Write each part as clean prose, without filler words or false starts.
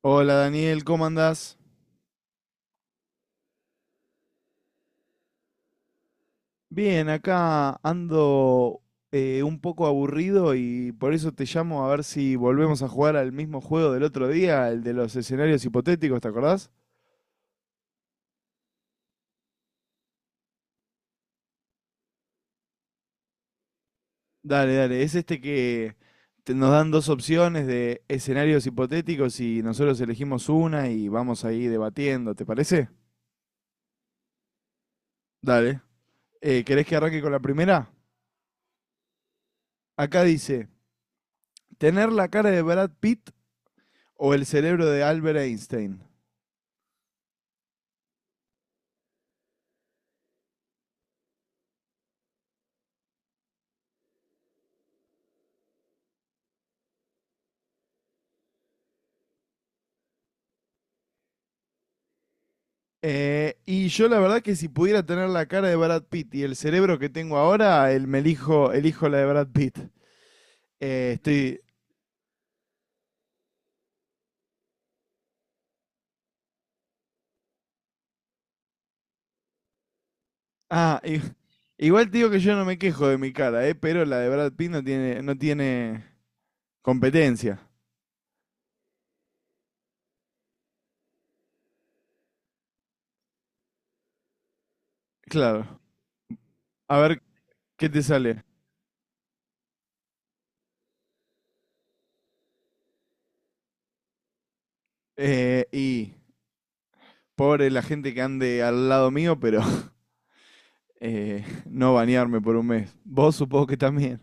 Hola Daniel, ¿cómo andás? Bien, acá ando un poco aburrido y por eso te llamo a ver si volvemos a jugar al mismo juego del otro día, el de los escenarios hipotéticos, ¿te acordás? Dale, dale, es este que nos dan dos opciones de escenarios hipotéticos y nosotros elegimos una y vamos ahí debatiendo, ¿te parece? Dale. ¿Querés que arranque con la primera? Acá dice, ¿tener la cara de Brad Pitt o el cerebro de Albert Einstein? Y yo la verdad que si pudiera tener la cara de Brad Pitt y el cerebro que tengo ahora, me elijo, elijo la de Brad Pitt. Eh, estoy... Ah, i- Igual te digo que yo no me quejo de mi cara, pero la de Brad Pitt no tiene, no tiene competencia. Claro. A ver, ¿qué te sale? Y pobre la gente que ande al lado mío, pero no bañarme por un mes. Vos supongo que también.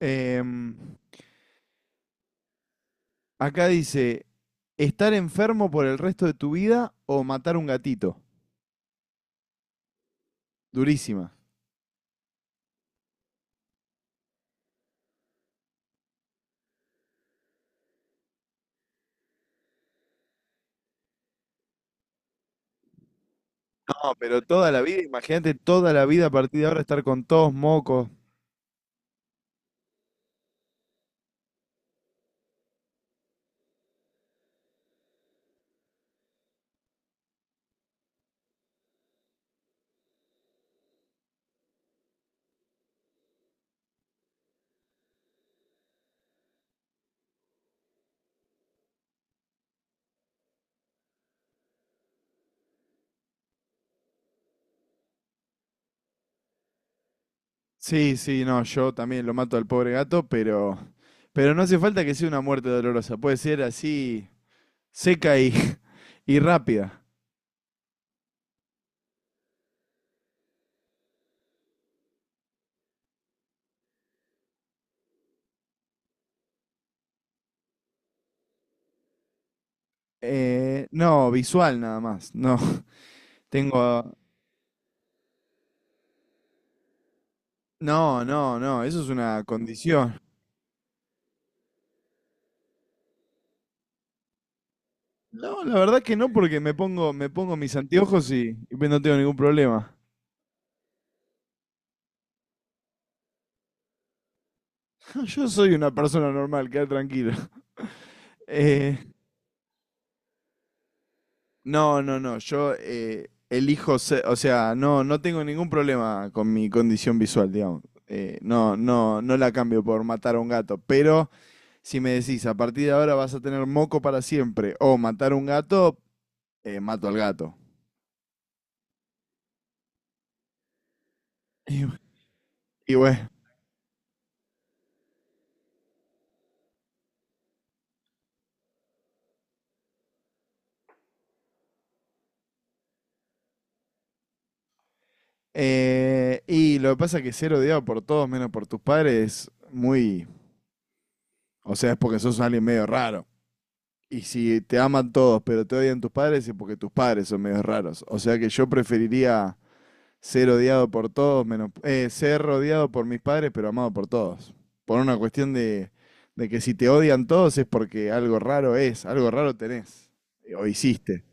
Em, Acá dice, estar enfermo por el resto de tu vida o matar un gatito. Durísima. No, pero toda la vida, imagínate toda la vida a partir de ahora estar con todos mocos. Sí, sí, no, yo también lo mato al pobre gato, pero no hace falta que sea una muerte dolorosa. Puede ser así seca y, y rápida. No, visual nada más. No, tengo... No, no, no, eso es una condición. No, la verdad que no, porque me pongo mis anteojos y pues no tengo ningún problema. Yo soy una persona normal, queda tranquilo. Eh, no, no, no, yo elijo, o sea, no, no tengo ningún problema con mi condición visual, digamos. No, no, no la cambio por matar a un gato, pero si me decís, a partir de ahora vas a tener moco para siempre, o matar a un gato, mato al gato. Y, bu- y bueno, y lo que pasa es que ser odiado por todos menos por tus padres es muy... O sea, es porque sos alguien medio raro. Y si te aman todos, pero te odian tus padres, es porque tus padres son medio raros. O sea que yo preferiría ser odiado por todos, menos ser rodeado por mis padres, pero amado por todos. Por una cuestión de que si te odian todos es porque algo raro es, algo raro tenés o hiciste.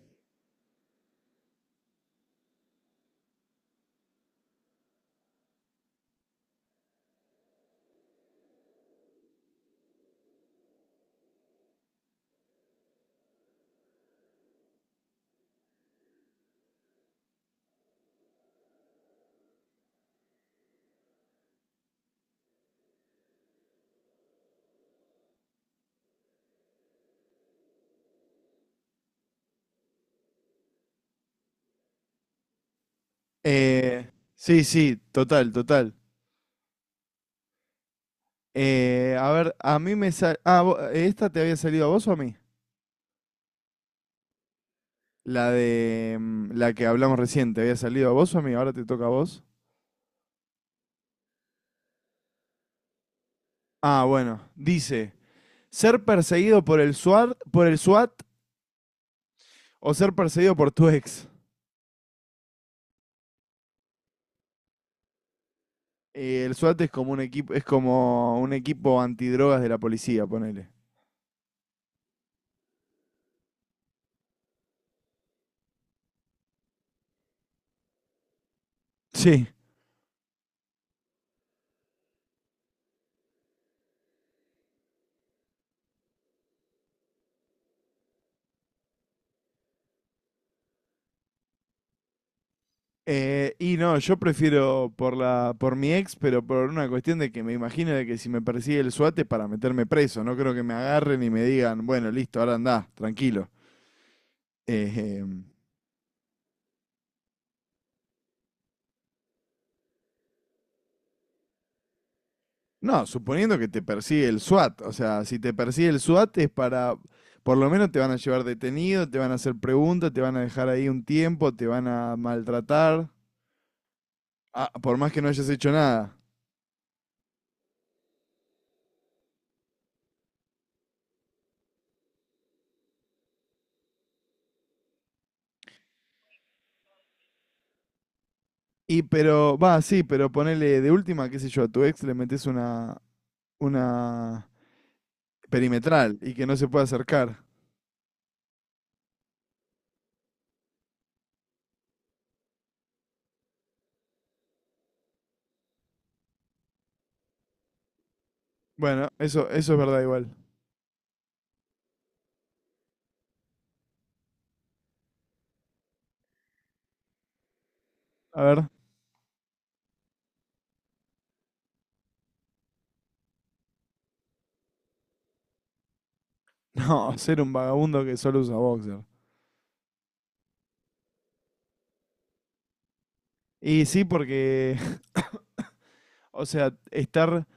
Eh, sí, sí, total, total. A ver, a mí me sal... ¿Esta te había salido a vos o a mí? La de la que hablamos recién, ¿te había salido a vos o a mí? Ahora te toca a vos. Ah, bueno. Dice, ser perseguido por el SWAT o ser perseguido por tu ex. El SWAT es como un equipo, es como un equipo antidrogas de la policía, ponele. Sí. Y no, yo prefiero por la, por mi ex, pero por una cuestión de que me imagino de que si me persigue el SWAT es para meterme preso. No creo que me agarren y me digan, bueno, listo, ahora andá, tranquilo. Eh, em, No, suponiendo que te persigue el SWAT, o sea, si te persigue el SWAT es para, por lo menos te van a llevar detenido, te van a hacer preguntas, te van a dejar ahí un tiempo, te van a maltratar, por más que no hayas hecho nada. Y pero, va, sí, pero ponele de última, qué sé yo, a tu ex le metes una perimetral y que no se pueda acercar. Bueno, eso es verdad igual. A ver, no, ser un vagabundo que solo usa boxer. Y sí, porque, o sea, estar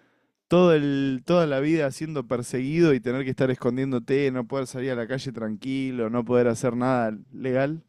todo el, toda la vida siendo perseguido y tener que estar escondiéndote, no poder salir a la calle tranquilo, no poder hacer nada legal.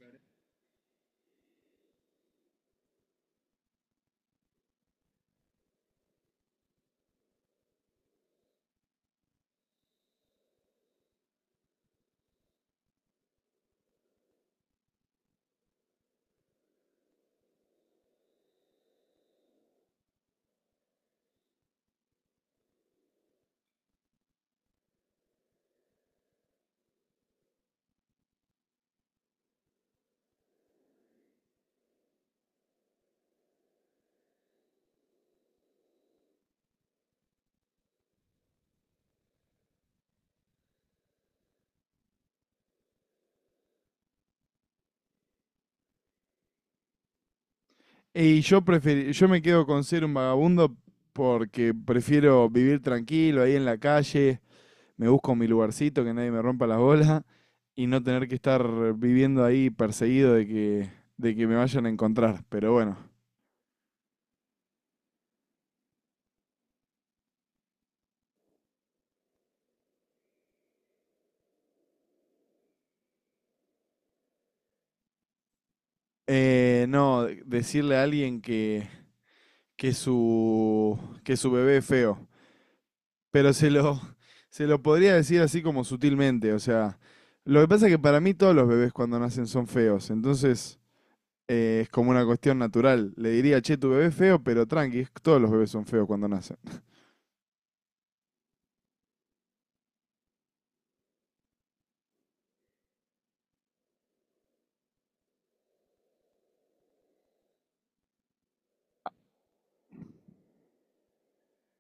Y yo me quedo con ser un vagabundo porque prefiero vivir tranquilo ahí en la calle, me busco mi lugarcito, que nadie me rompa las bolas y no tener que estar viviendo ahí perseguido de que me vayan a encontrar. Pero bueno, no, decirle a alguien que su, que su bebé es feo. Pero se lo, se lo podría decir así como sutilmente, o sea, lo que pasa es que para mí todos los bebés cuando nacen son feos, entonces es como una cuestión natural. Le diría, che, tu bebé es feo, pero tranqui, todos los bebés son feos cuando nacen.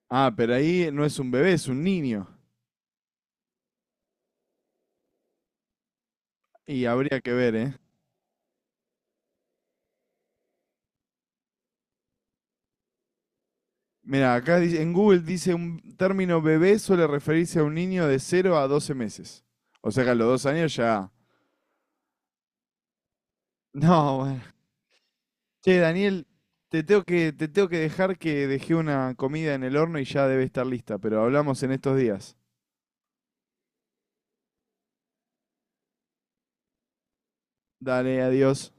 Ah, pero ahí no es un bebé, es un niño. Y habría que ver, ¿eh? Mira, acá dice, en Google dice un término bebé suele referirse a un niño de 0 a 12 meses. O sea que a los 2 años ya... No, bueno. Che, Daniel, te tengo que dejar que dejé una comida en el horno y ya debe estar lista, pero hablamos en estos días. Dale, adiós.